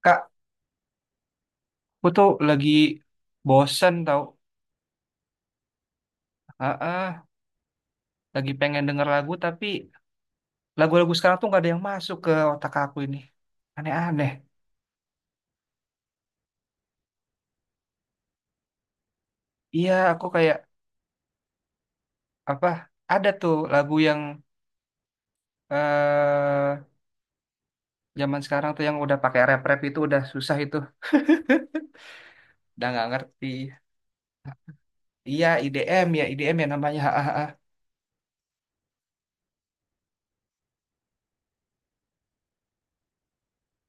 Kak, aku tuh lagi bosen tau. Ah, ah, lagi pengen denger lagu tapi lagu-lagu sekarang tuh nggak ada yang masuk ke otak aku ini. Aneh-aneh. Iya, aku kayak apa? Ada tuh lagu yang eh zaman sekarang tuh yang udah pakai rap-rap itu udah susah itu, udah nggak ngerti. Iya, IDM ya, IDM ya namanya. Ah, ah, ah.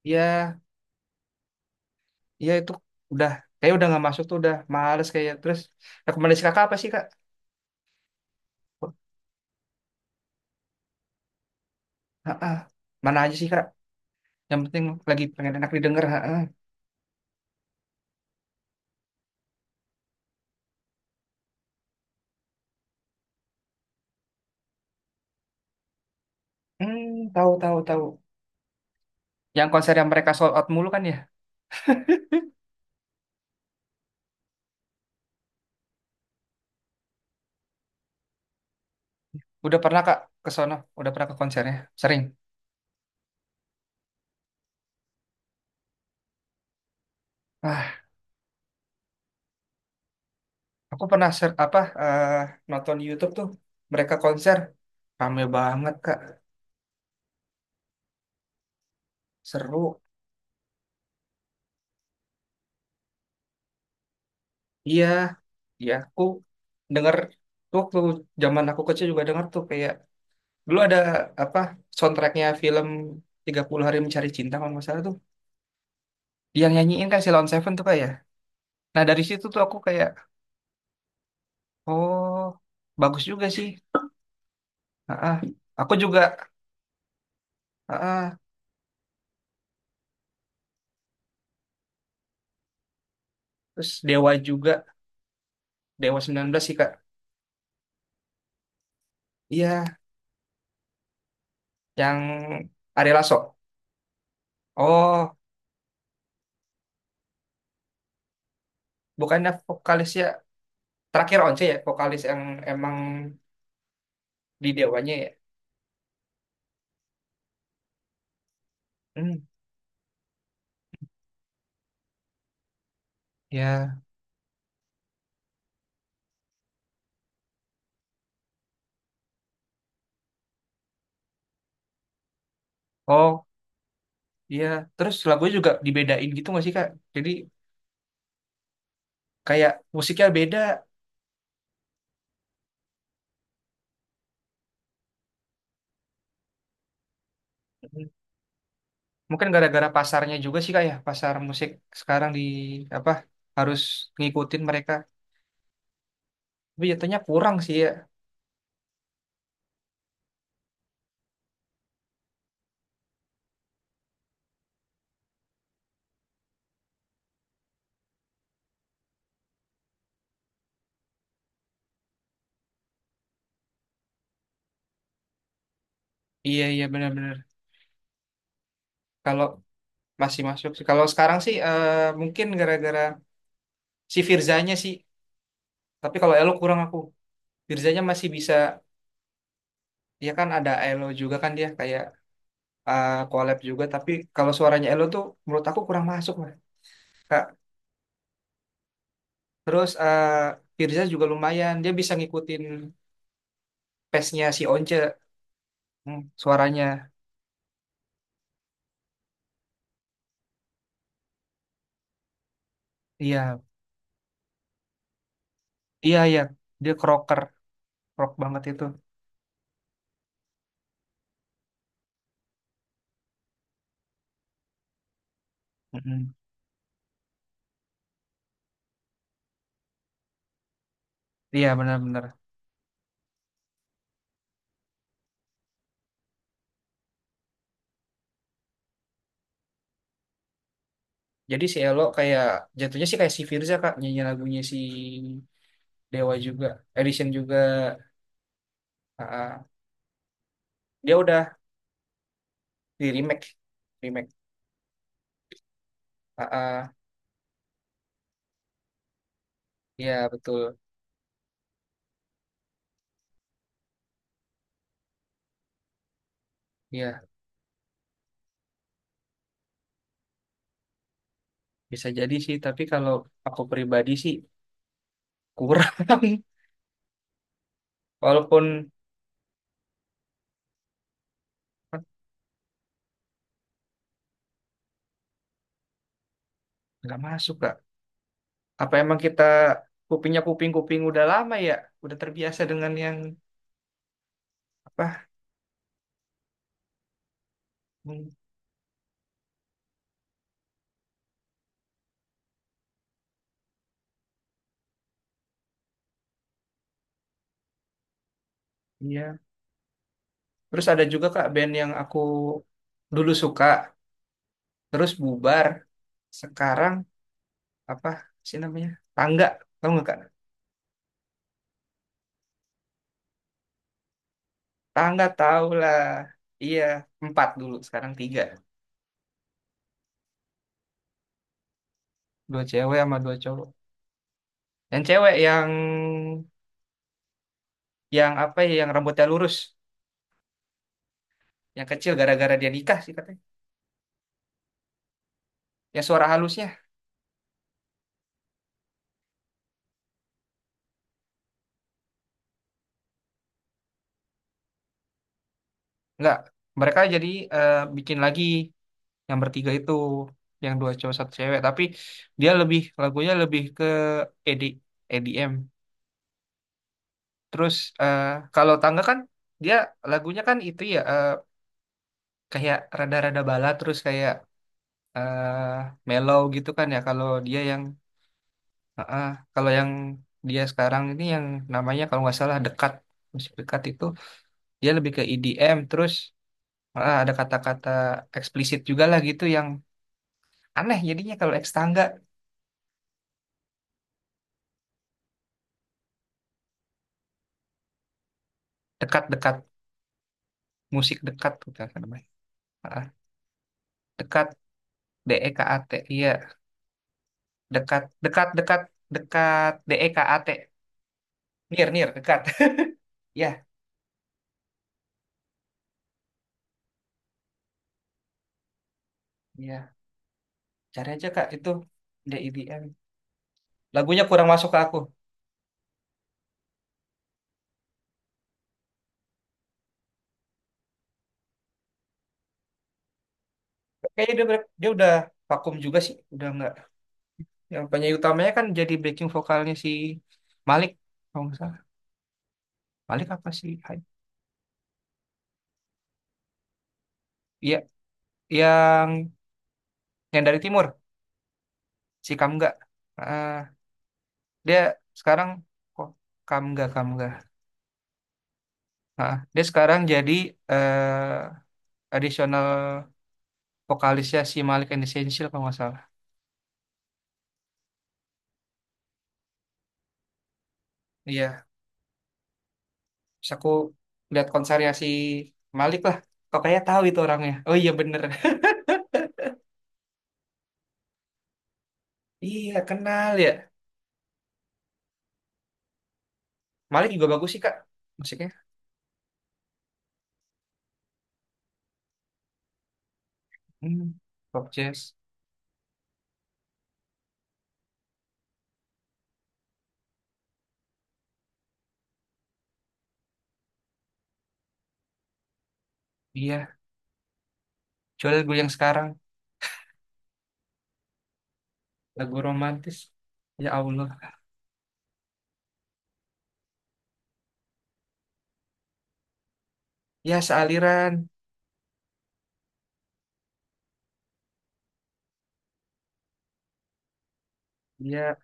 Iya, iya itu udah kayak udah nggak masuk tuh udah males kayak. Terus rekomendasi kakak apa sih, kak? Ah, ah. Mana aja sih, kak? Yang penting lagi pengen enak didengar. Ha ha. Hmm, tahu tahu tahu. Yang konser yang mereka sold out mulu kan ya. Udah pernah, Kak, ke sono? Udah pernah ke konsernya? Sering. Ah, aku pernah nonton di YouTube tuh mereka konser rame banget, Kak. Seru. Iya, iya aku denger tuh waktu zaman aku kecil juga denger tuh kayak dulu ada apa soundtracknya film 30 hari mencari cinta kalau nggak salah tuh. Dia yang nyanyiin kan si Lawn Seven tuh, Kak, ya. Nah, dari situ tuh aku kayak, oh, bagus juga sih. Ah, aku juga ah, terus Dewa juga, Dewa 19 sih, Kak. Iya, yang Ari Lasso. Oh, bukannya vokalisnya terakhir Once ya, vokalis yang emang di Dewanya ya. Hmm, ya. Oh, iya. Terus lagunya juga dibedain gitu nggak sih, Kak? Jadi kayak musiknya beda. Hmm, mungkin gara-gara pasarnya juga sih, Kak, ya, pasar musik sekarang di apa harus ngikutin mereka. Tapi jatuhnya kurang sih ya. Iya iya benar-benar. Kalau masih masuk sih. Kalau sekarang sih mungkin gara-gara si Firzanya sih. Tapi kalau Elo kurang aku. Firzanya masih bisa. Ya kan ada Elo juga kan dia kayak collab juga. Tapi kalau suaranya Elo tuh menurut aku kurang masuk lah, Kak. Terus Firza juga lumayan. Dia bisa ngikutin pace-nya si Once. Hmm, suaranya. Iya iya iya. Dia crocker, rock banget itu. Mm-mm. Iya benar-benar. Jadi si Elo kayak jatuhnya sih kayak si Firza, Kak, nyanyi lagunya si Dewa juga, Edition juga. Aa. Dia udah di remake, remake. Aa. Ya betul. Ya bisa jadi sih. Tapi kalau aku pribadi sih kurang. Walaupun ah, nggak masuk, Kak. Apa emang kita kuping-kuping udah lama ya? Udah terbiasa dengan yang apa? Hmm, iya. Terus ada juga, Kak, band yang aku dulu suka, terus bubar. Sekarang apa sih namanya, tangga, tahu nggak, kak? Tangga, tau lah. Iya, empat dulu sekarang tiga. Dua cewek sama dua cowok. Yang cewek, yang apa ya, yang rambutnya lurus, yang kecil, gara-gara dia nikah sih katanya, yang suara halusnya. Nggak, mereka jadi bikin lagi yang bertiga itu, yang dua cowok satu cewek, tapi dia lebih lagunya lebih ke ED, EDM. Terus eh, kalau tangga kan dia lagunya kan itu ya, kayak rada-rada bala terus kayak eh mellow gitu kan ya kalau dia yang. Ah, kalau yang dia sekarang ini yang namanya kalau nggak salah dekat, musik dekat itu, dia lebih ke EDM. Terus heeh, ada kata-kata eksplisit juga lah gitu yang aneh jadinya, kalau eks tangga dekat-dekat, musik dekat gitu kan namanya. Heeh, dekat, DEKAT, iya dekat dekat dekat dekat DEKAT, near near dekat. Ya, iya, cari aja Kak itu DEDM, lagunya kurang masuk ke aku. Kayaknya dia, dia udah vakum juga sih, udah nggak. Yang penyanyi utamanya kan jadi backing vokalnya si Malik, kalau nggak salah. Malik apa sih? Iya, yang yang dari timur, si Kamga. Ah, dia sekarang kok Kamga Kamga. Ah, dia sekarang jadi eh additional vokalisnya si Malik and Essential kalau nggak salah. Iya, terus aku lihat konsernya si Malik lah. Kok kayak tahu itu orangnya. Oh iya bener. Iya kenal ya. Malik juga bagus sih, kak, musiknya. Hmm. Pop jazz. Iya, coba lagu yang sekarang, lagu romantis, ya Allah. Ya, sealiran, iya.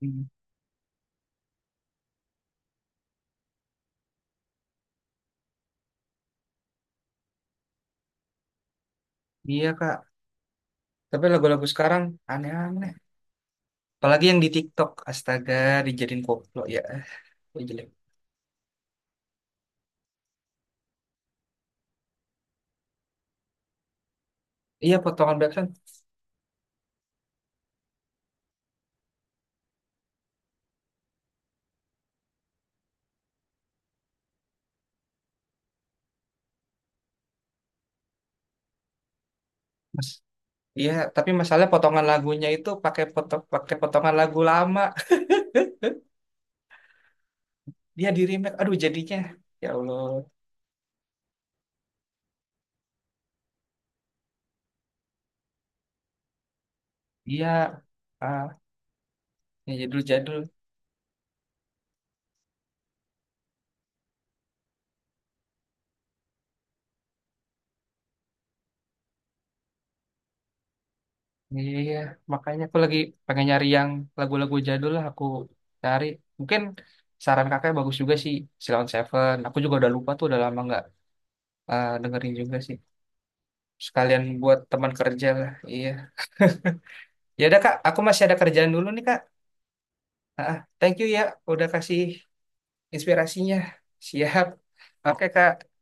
Hmm. Iya, kak, tapi lagu-lagu sekarang aneh-aneh, apalagi yang di TikTok, astaga, dijadiin koplo ya. Ya, jelek. Iya, potongan backsound, mas. Iya, tapi masalah potongan lagunya itu pakai foto, pakai potongan lagu lama, dia di remake, aduh jadinya ya Allah. Iya, ah, yang jadul-jadul. Iya, makanya aku lagi pengen nyari yang lagu-lagu jadul lah aku cari. Mungkin saran kakak bagus juga sih, Silent Seven. Aku juga udah lupa tuh, udah lama nggak dengerin juga sih. Sekalian buat teman kerja lah, iya. Ya udah kak, aku masih ada kerjaan dulu nih, kak. Ah, thank you ya, udah kasih inspirasinya. Siap. Oke kak.